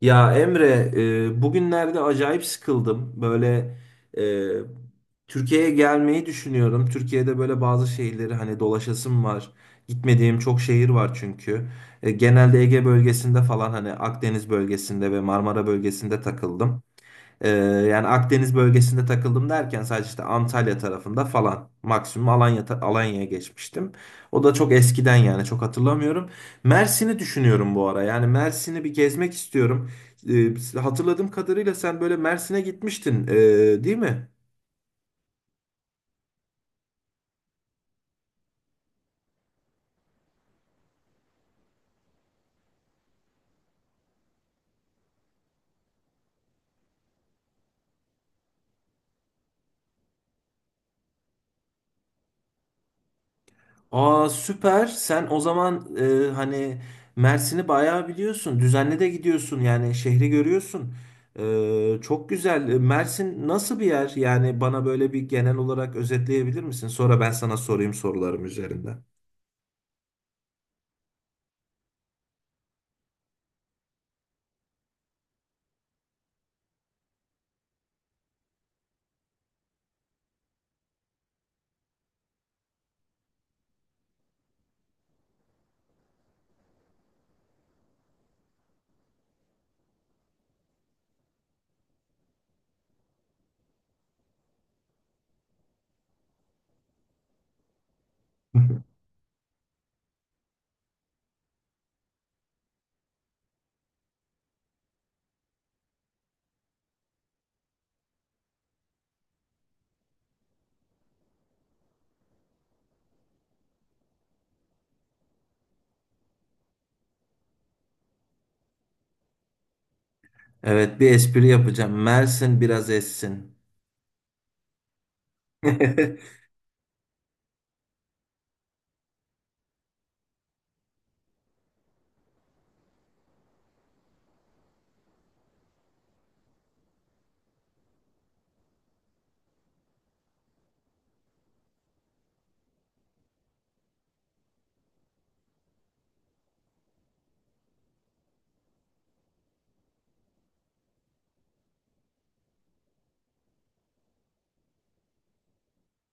Ya Emre, bugünlerde acayip sıkıldım. Böyle e, Türkiye'ye gelmeyi düşünüyorum. Türkiye'de böyle bazı şehirleri hani dolaşasım var. Gitmediğim çok şehir var çünkü. E, genelde Ege bölgesinde falan hani Akdeniz bölgesinde ve Marmara bölgesinde takıldım. Ee, yani Akdeniz bölgesinde takıldım derken sadece işte Antalya tarafında falan maksimum Alanya'ya geçmiştim. O da çok eskiden yani çok hatırlamıyorum. Mersin'i düşünüyorum bu ara. Yani Mersin'i bir gezmek istiyorum. Hatırladığım kadarıyla sen böyle Mersin'e gitmiştin, değil mi? Aa süper. Sen o zaman hani Mersin'i bayağı biliyorsun. Düzenli de gidiyorsun yani şehri görüyorsun. Çok güzel. E, Mersin nasıl bir yer? Yani bana böyle bir genel olarak özetleyebilir misin? Sonra ben sana sorayım sorularım üzerinden. Evet, bir espri yapacağım. Mersin biraz essin.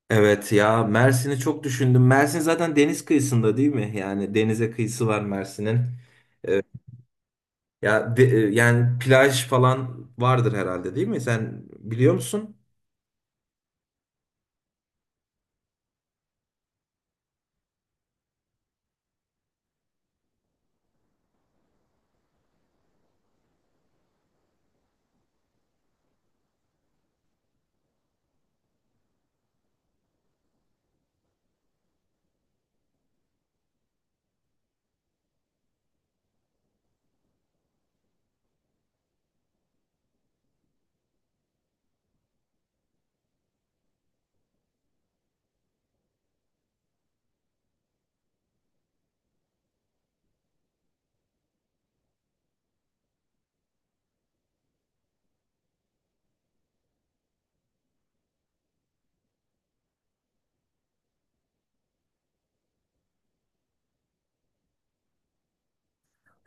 Evet ya, Mersin'i çok düşündüm. Mersin zaten deniz kıyısında değil mi? Yani denize kıyısı var Mersin'in. Yani plaj falan vardır herhalde değil mi? Sen biliyor musun?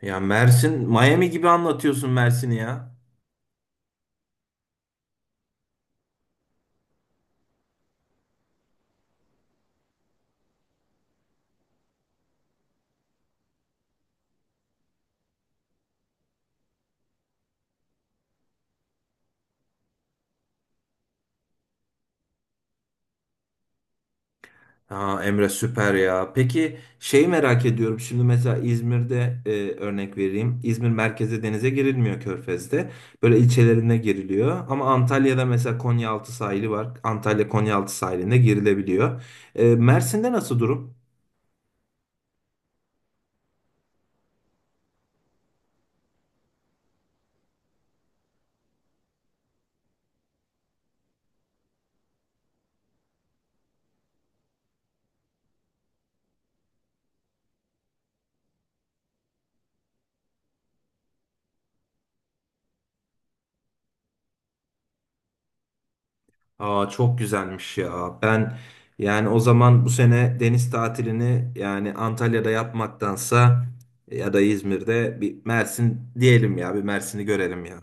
Ya Mersin, Miami gibi anlatıyorsun Mersin'i ya. Ha Emre süper ya. Peki şeyi merak ediyorum. Şimdi mesela İzmir'de örnek vereyim. İzmir merkeze denize girilmiyor Körfez'de. Böyle ilçelerine giriliyor. Ama Antalya'da mesela Konyaaltı sahili var. Antalya Konyaaltı sahilinde girilebiliyor. E, Mersin'de nasıl durum? Aa çok güzelmiş ya. Ben yani o zaman bu sene deniz tatilini yani Antalya'da yapmaktansa ya da İzmir'de bir Mersin diyelim ya, bir Mersin'i görelim ya.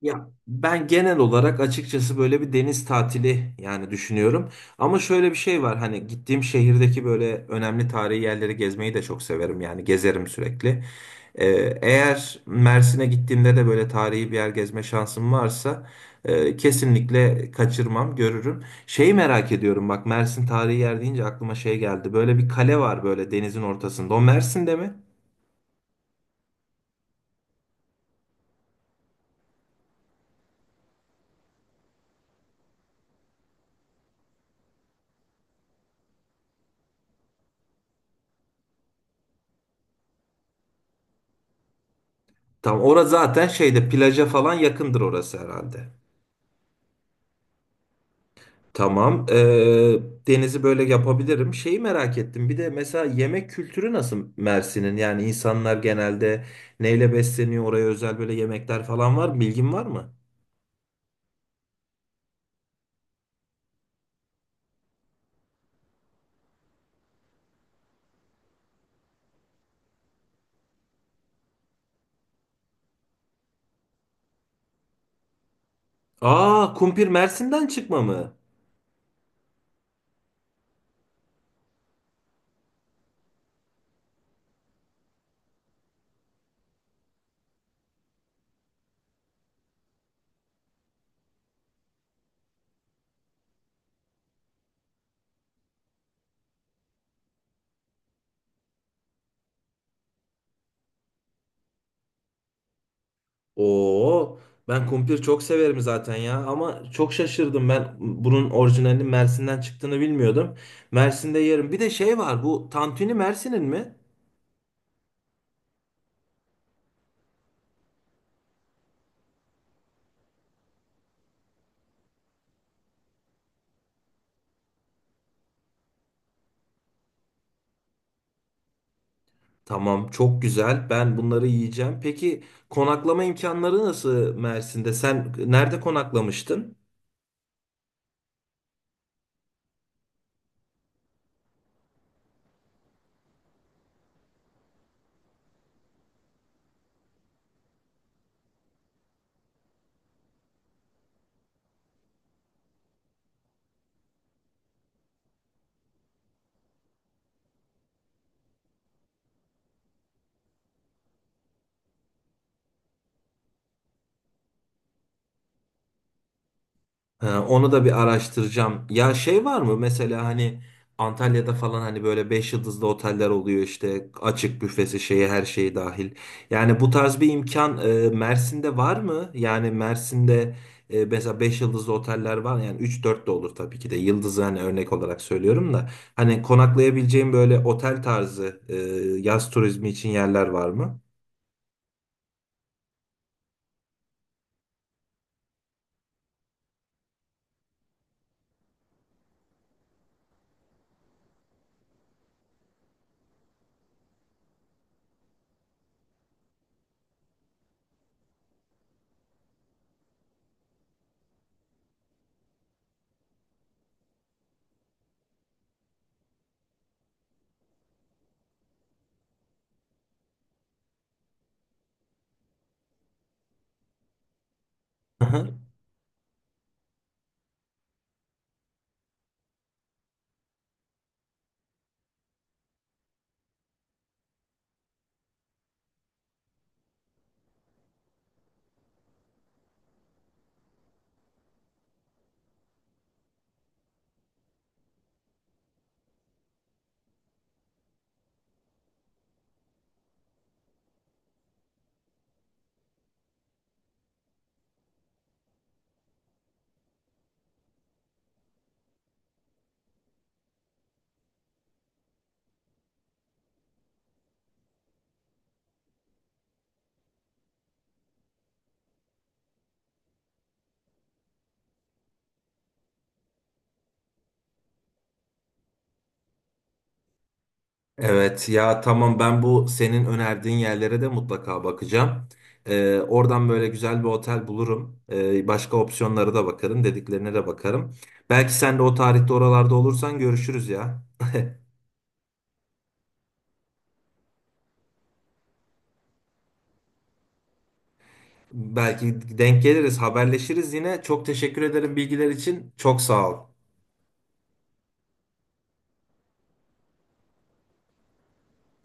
Ya ben genel olarak açıkçası böyle bir deniz tatili yani düşünüyorum. Ama şöyle bir şey var, hani gittiğim şehirdeki böyle önemli tarihi yerleri gezmeyi de çok severim. Yani gezerim sürekli. Ee, eğer Mersin'e gittiğimde de böyle tarihi bir yer gezme şansım varsa kesinlikle kaçırmam, görürüm. Şeyi merak ediyorum bak, Mersin tarihi yer deyince aklıma şey geldi. Böyle bir kale var böyle denizin ortasında. O Mersin'de mi? Tam orası zaten şeyde plaja falan yakındır orası herhalde. Tamam. Denizi böyle yapabilirim. Şeyi merak ettim. Bir de mesela yemek kültürü nasıl Mersin'in? Yani insanlar genelde neyle besleniyor? Oraya özel böyle yemekler falan var mı? Bilgin var mı? Aa, kumpir Mersin'den çıkma mı? Oo, ben kumpir çok severim zaten ya. Ama çok şaşırdım, ben bunun orijinalinin Mersin'den çıktığını bilmiyordum. Mersin'de yerim. Bir de şey var. Bu tantuni Mersin'in mi? Tamam, çok güzel. Ben bunları yiyeceğim. Peki konaklama imkanları nasıl Mersin'de? Sen nerede konaklamıştın? Onu da bir araştıracağım. Ya şey var mı mesela hani Antalya'da falan hani böyle 5 yıldızlı oteller oluyor işte açık büfesi şeyi her şeyi dahil. Yani bu tarz bir imkan Mersin'de var mı? Yani Mersin'de mesela 5 yıldızlı oteller var yani üç dört de olur tabii ki de yıldızı hani örnek olarak söylüyorum da. Hani konaklayabileceğim böyle otel tarzı yaz turizmi için yerler var mı? Evet ya tamam, ben bu senin önerdiğin yerlere de mutlaka bakacağım. Oradan böyle güzel bir otel bulurum. Başka opsiyonlara da bakarım, dediklerine de bakarım. Belki sen de o tarihte oralarda olursan görüşürüz ya. Belki denk geliriz, haberleşiriz yine. Çok teşekkür ederim bilgiler için. Çok sağ ol.